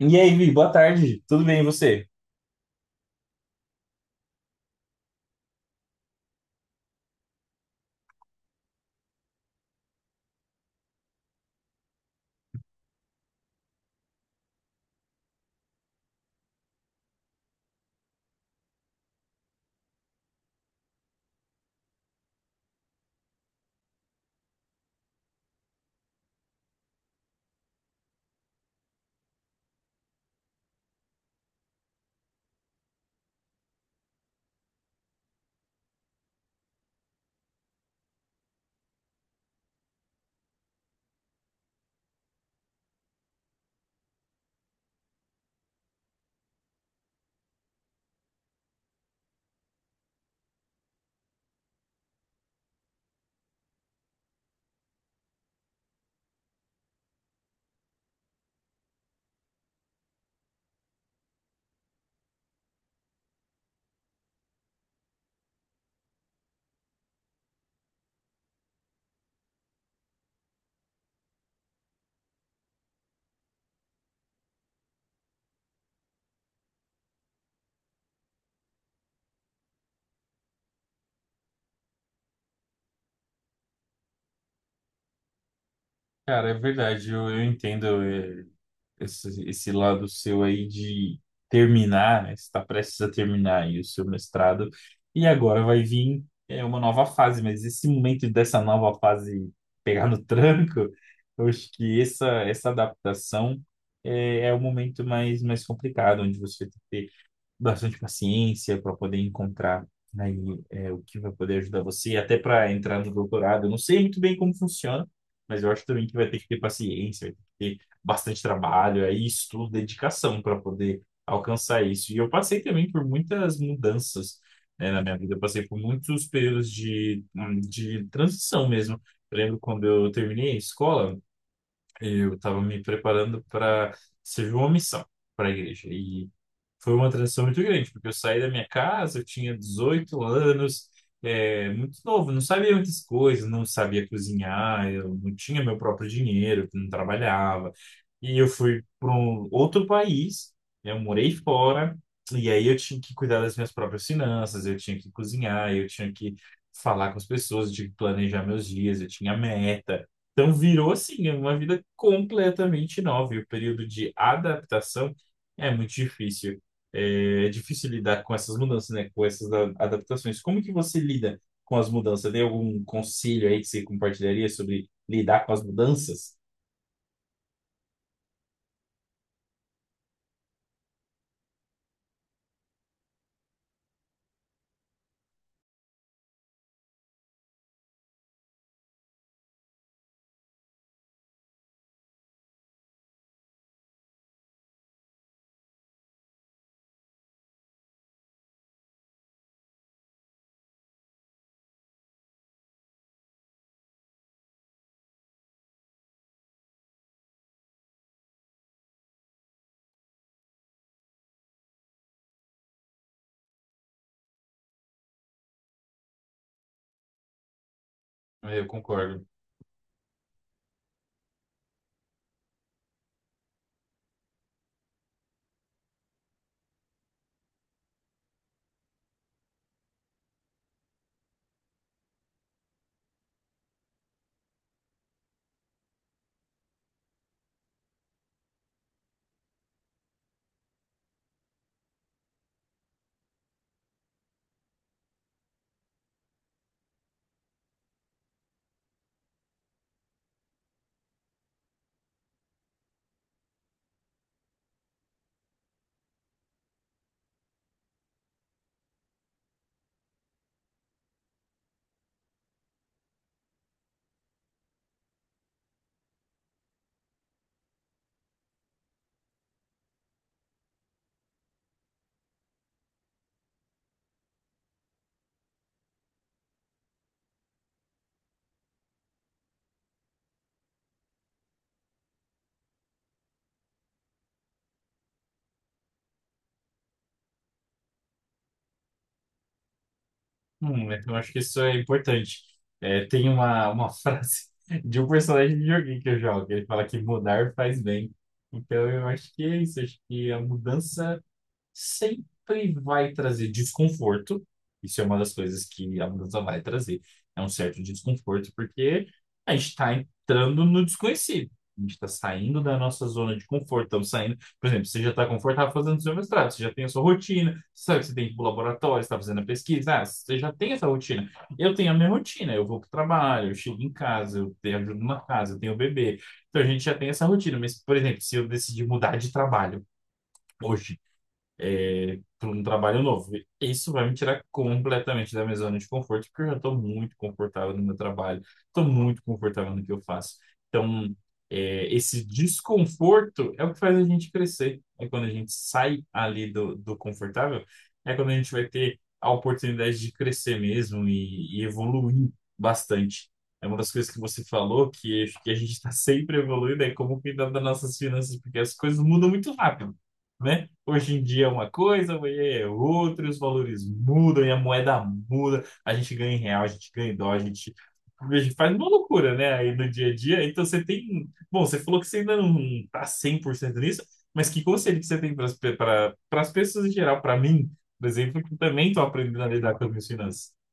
E aí, Vi, boa tarde. Tudo bem, e você? Cara, é verdade, eu entendo esse lado seu aí de terminar, né? Você está prestes a terminar aí o seu mestrado, e agora vai vir uma nova fase, mas esse momento dessa nova fase pegar no tranco, eu acho que essa adaptação é o momento mais complicado, onde você tem que ter bastante paciência para poder encontrar aí o que vai poder ajudar você, até para entrar no doutorado. Eu não sei muito bem como funciona, mas eu acho também que vai ter que ter paciência, vai ter que ter bastante trabalho, aí estudo, dedicação para poder alcançar isso. E eu passei também por muitas mudanças, né, na minha vida. Eu passei por muitos períodos de de transição mesmo. Eu lembro quando eu terminei a escola, eu estava me preparando para servir uma missão para a igreja. E foi uma transição muito grande, porque eu saí da minha casa, eu tinha 18 anos, muito novo, não sabia muitas coisas, não sabia cozinhar, eu não tinha meu próprio dinheiro, não trabalhava. E eu fui para um outro país, né, eu morei fora, e aí eu tinha que cuidar das minhas próprias finanças, eu tinha que cozinhar, eu tinha que falar com as pessoas, eu tinha que planejar meus dias, eu tinha meta. Então virou assim uma vida completamente nova. E o período de adaptação é muito difícil. É É difícil lidar com essas mudanças, né? Com essas adaptações. Como que você lida com as mudanças? Tem algum conselho aí que você compartilharia sobre lidar com as mudanças? É, eu concordo. Eu acho que isso é importante. É, tem uma frase de um personagem de joguinho que eu jogo, que ele fala que mudar faz bem. Então eu acho que é isso. Acho que a mudança sempre vai trazer desconforto. Isso é uma das coisas que a mudança vai trazer. É um certo desconforto, porque a gente está entrando no desconhecido. A gente está saindo da nossa zona de conforto. Estamos saindo, por exemplo, você já está confortável fazendo seu mestrado, você já tem a sua rotina, você sabe que você tem que ir para o laboratório, você está fazendo a pesquisa, ah, você já tem essa rotina. Eu tenho a minha rotina, eu vou para o trabalho, eu chego em casa, eu tenho ajuda na casa, eu tenho o bebê. Então a gente já tem essa rotina. Mas, por exemplo, se eu decidir mudar de trabalho hoje, para um trabalho novo. Isso vai me tirar completamente da minha zona de conforto, porque eu já estou muito confortável no meu trabalho, estou muito confortável no que eu faço. Então, esse desconforto é o que faz a gente crescer. É quando a gente sai ali do confortável, é quando a gente vai ter a oportunidade de crescer mesmo e evoluir bastante. É uma das coisas que você falou, que a gente está sempre evoluindo, é como cuidar das nossas finanças, porque as coisas mudam muito rápido, né? Hoje em dia é uma coisa, amanhã é outra, os valores mudam e a moeda muda. A gente ganha em real, a gente ganha em dólar, a gente faz uma loucura, né? Aí no dia a dia. Então você tem. Bom, você falou que você ainda não tá 100% nisso, mas que conselho que você tem para as pessoas em geral? Para mim, por exemplo, que também estou aprendendo a lidar com as minhas finanças.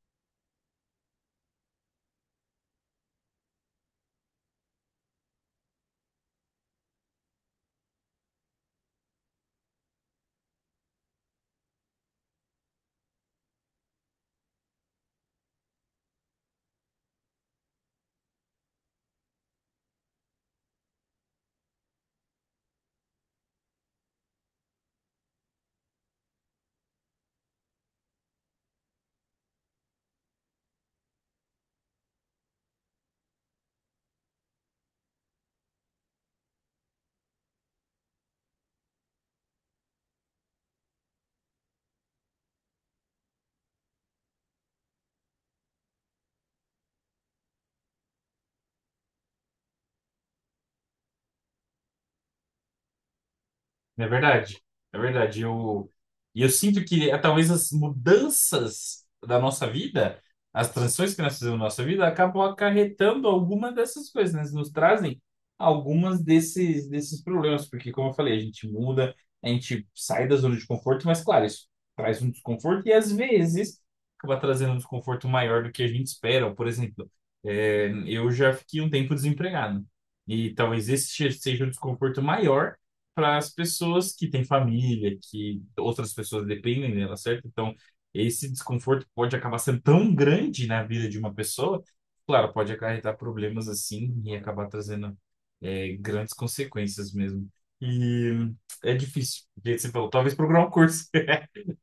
É verdade, é verdade. E eu sinto que talvez as mudanças da nossa vida, as transições que nós fizemos na nossa vida, acabam acarretando algumas dessas coisas, né? Nos trazem algumas desses problemas, porque, como eu falei, a gente muda, a gente sai da zona de conforto, mas, claro, isso traz um desconforto e, às vezes, acaba trazendo um desconforto maior do que a gente espera. Por exemplo, eu já fiquei um tempo desempregado. E talvez esse seja o desconforto maior para as pessoas que têm família, que outras pessoas dependem dela, certo? Então, esse desconforto pode acabar sendo tão grande na vida de uma pessoa, claro, pode acarretar problemas assim e acabar trazendo grandes consequências mesmo. E é difícil, do jeito que você falou, talvez procurar um curso.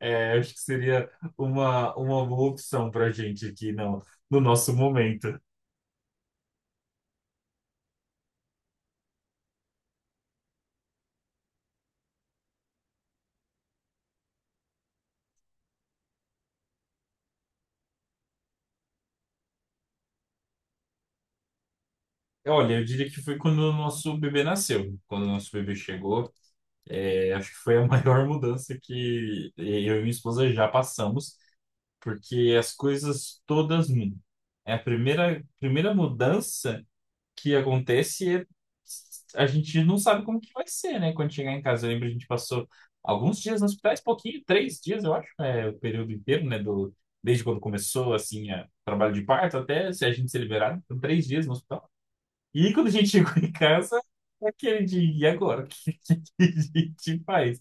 É, acho que seria uma boa opção para a gente aqui no nosso momento. Olha, eu diria que foi quando o nosso bebê nasceu, quando o nosso bebê chegou. É, acho que foi a maior mudança que eu e minha esposa já passamos, porque as coisas todas mudam. É a primeira mudança que acontece é a gente não sabe como que vai ser, né? Quando chegar em casa, eu lembro, a gente passou alguns dias no hospital, esse pouquinho, três dias, eu acho, é o período inteiro, né? Do, desde quando começou, assim, a, trabalho de parto até se a gente ser liberado, então, três dias no hospital. E quando a gente chegou em casa, é aquele dia e agora? O que, que a gente faz?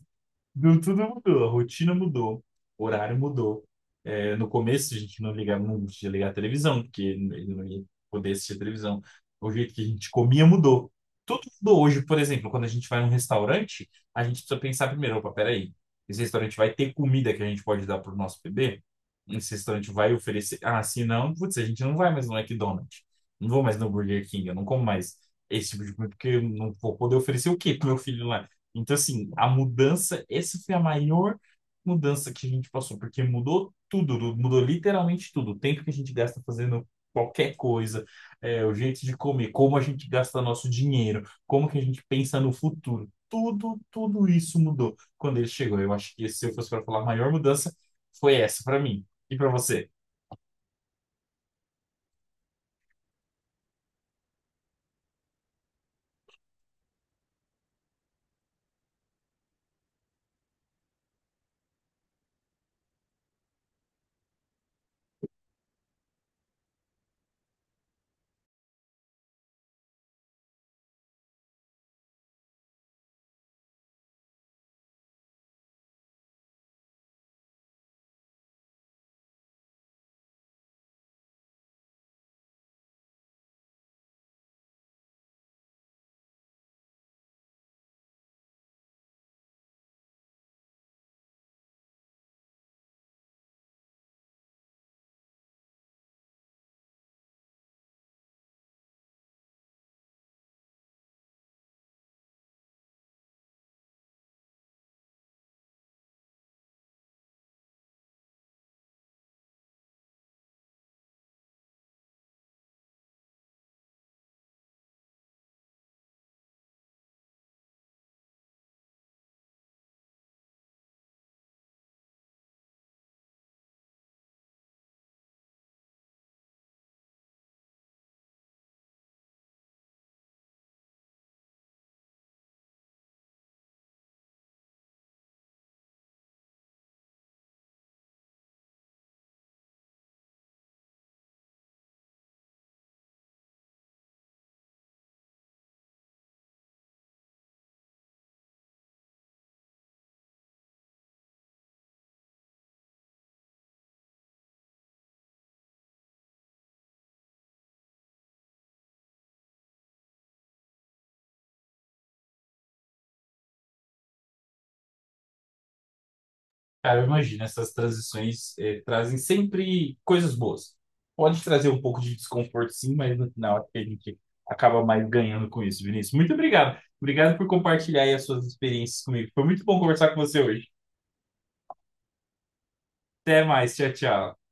Tudo mudou, a rotina mudou, o horário mudou. É, no começo a gente não ligava, não podia ligar a televisão, porque não ia poder assistir a televisão. O jeito que a gente comia mudou. Tudo mudou hoje, por exemplo, quando a gente vai num restaurante, a gente precisa pensar primeiro, opa, peraí, esse restaurante vai ter comida que a gente pode dar para o nosso bebê? Esse restaurante vai oferecer? Ah, se não, putz, a gente não vai mais no McDonald's. Não vou mais no Burger King, eu não como mais esse tipo de comida, porque eu não vou poder oferecer o quê pro meu filho lá? Então, assim, a mudança, essa foi a maior mudança que a gente passou, porque mudou tudo, mudou literalmente tudo. O tempo que a gente gasta fazendo qualquer coisa, é, o jeito de comer, como a gente gasta nosso dinheiro, como que a gente pensa no futuro. Tudo, tudo isso mudou quando ele chegou. Eu acho que se eu fosse para falar, a maior mudança foi essa para mim. E para você? Cara, eu imagino, essas transições trazem sempre coisas boas. Pode trazer um pouco de desconforto, sim, mas no final acho que a gente acaba mais ganhando com isso, Vinícius. Muito obrigado. Obrigado por compartilhar aí as suas experiências comigo. Foi muito bom conversar com você hoje. Até mais. Tchau, tchau.